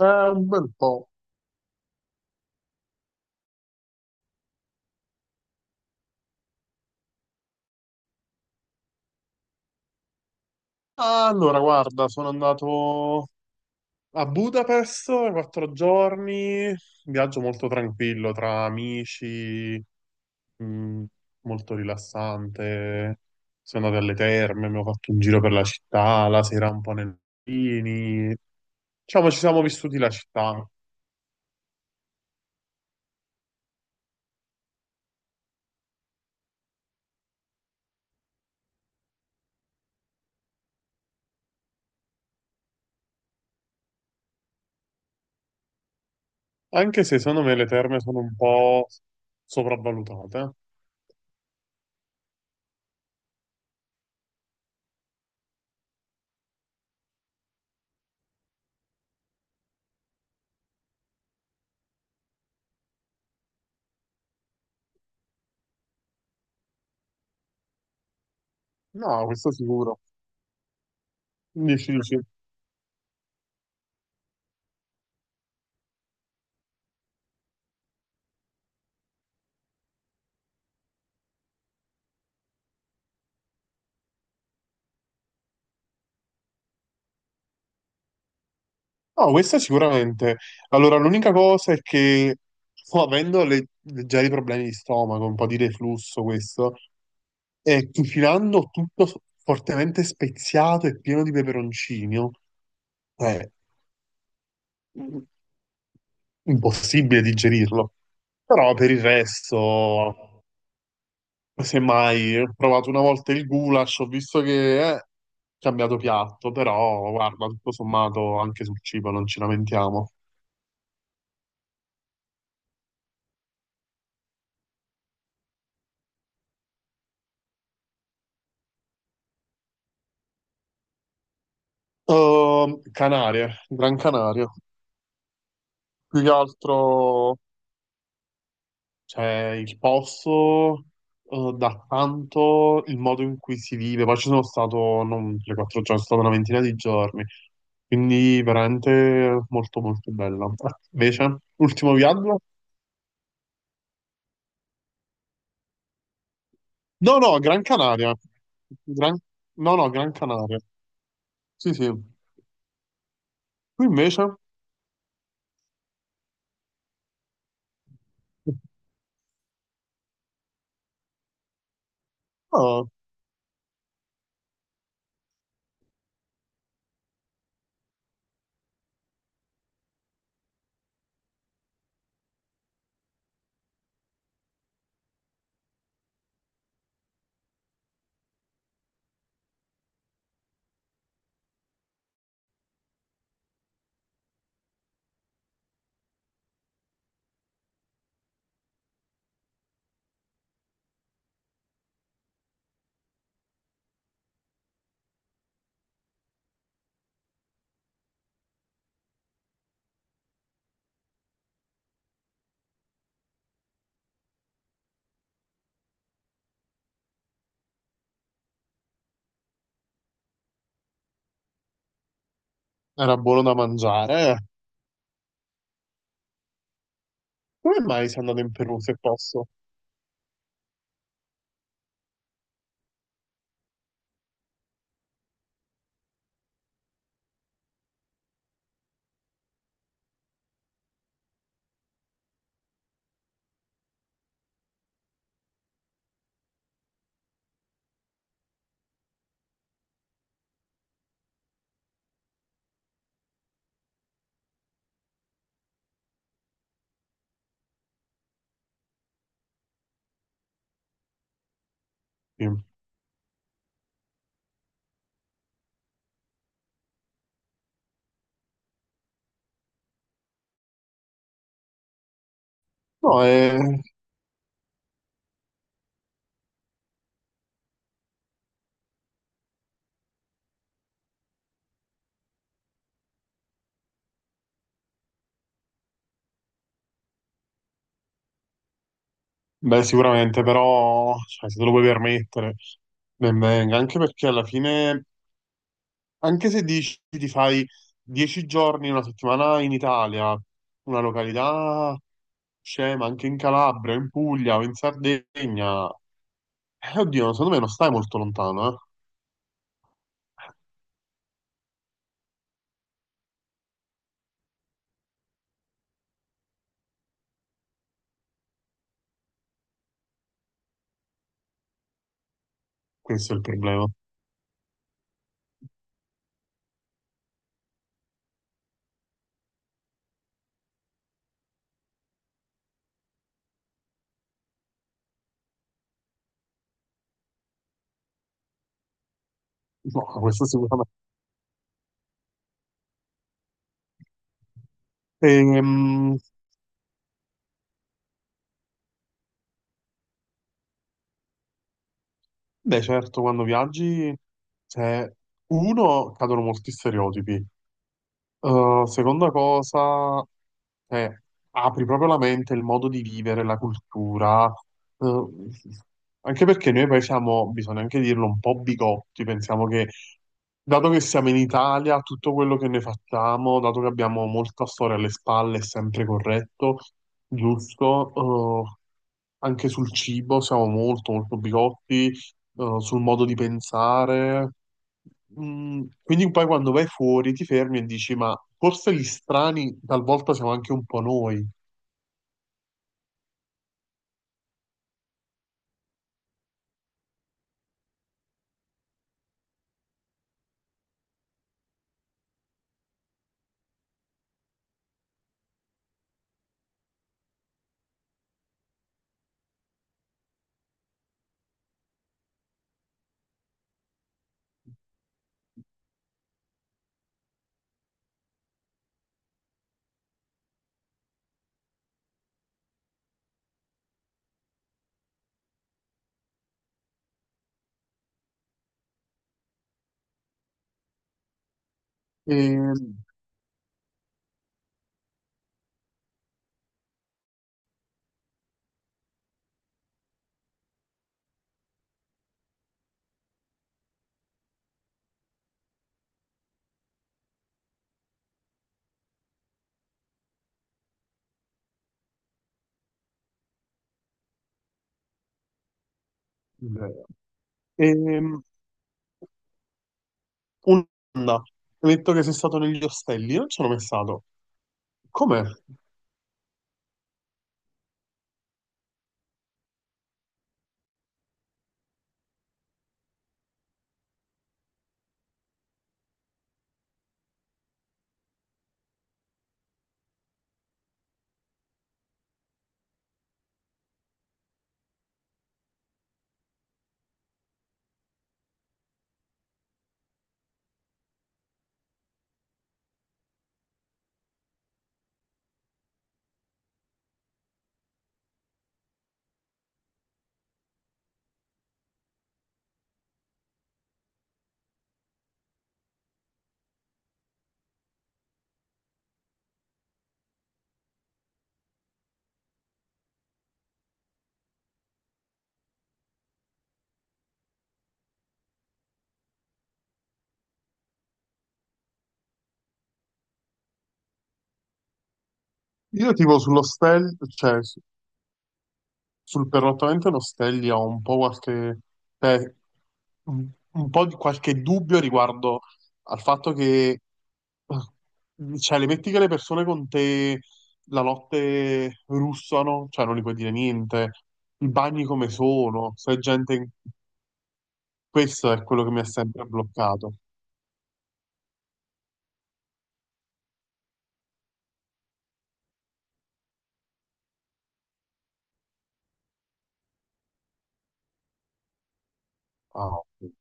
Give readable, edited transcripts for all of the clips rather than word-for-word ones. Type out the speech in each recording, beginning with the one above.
Un bel po'. Allora, guarda, sono andato a Budapest 4 giorni, viaggio molto tranquillo tra amici, mh, molto rilassante. Sono andato alle terme, mi ho fatto un giro per la città, la sera un po' nei lini. Diciamo, ci siamo vissuti la città, anche se secondo me le terme sono un po' sopravvalutate. No, questo sicuro. 15. No, questa sicuramente. Allora, l'unica cosa è che sto avendo leggeri problemi di stomaco, un po' di reflusso questo, e cucinando tutto fortemente speziato e pieno di peperoncino, è impossibile digerirlo. Però per il resto, semmai, ho provato una volta il goulash, ho visto che è cambiato piatto, però guarda, tutto sommato anche sul cibo non ci lamentiamo. Canarie, Gran Canaria. Più che altro c'è il posto, da tanto il modo in cui si vive. Poi ci sono stato non 3-4 giorni, sono stato una ventina di giorni. Quindi veramente molto molto bella. Ah, invece, ultimo viaggio? No, no, Gran Canaria. Gran- No, no, Gran Canaria. Sì, sì. Tu invece? Oh, era buono da mangiare. Come mai sei andato in Perù se posso? Sì. No, è. Beh, sicuramente, però cioè, se te lo puoi permettere, ben venga, anche perché alla fine, anche se dici ti fai 10 giorni, una settimana in Italia, una località scema, anche in Calabria, in Puglia o in Sardegna, oddio, secondo me non stai molto lontano, eh. Questo è il problema. No, questo sicuramente. Ehm, Beh, certo, quando viaggi, cioè, uno, cadono molti stereotipi. Seconda cosa, eh, apri proprio la mente, il modo di vivere, la cultura, uh, anche perché noi poi siamo, bisogna anche dirlo, un po' bigotti, pensiamo che dato che siamo in Italia, tutto quello che noi facciamo, dato che abbiamo molta storia alle spalle, è sempre corretto, giusto, anche sul cibo siamo molto molto bigotti, sul modo di pensare. Quindi poi quando vai fuori ti fermi e dici, ma forse gli strani talvolta siamo anche un po' noi. E, e un'anda, hai detto che sei stato negli ostelli, io non ci sono mai stato. Com'è? Io tipo sull'ostello, cioè sul perlottamento lo Stelli ho un po' qualche, eh, un un po' di qualche dubbio riguardo al fatto che cioè, le metti che le persone con te la notte russano, cioè non gli puoi dire niente, i bagni come sono, se è gente. Questo è quello che mi ha sempre bloccato. Ah, ok.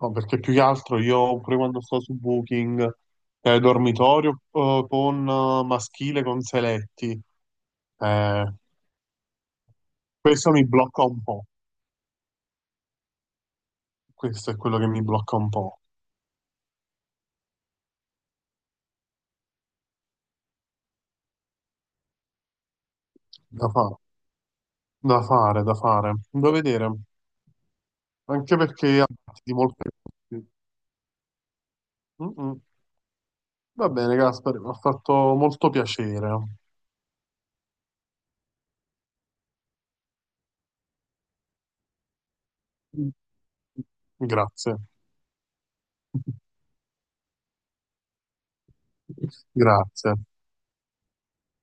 No, perché più che altro io, pure quando sto su Booking, dormitorio con maschile con seletti. Eh, Questo mi blocca un po', questo è quello che mi blocca un po', da fa- da fare, da fare, da vedere, anche perché ha di molte cose. Mm-mm. Va bene, Gaspari, mi ha fatto molto piacere. Grazie, grazie.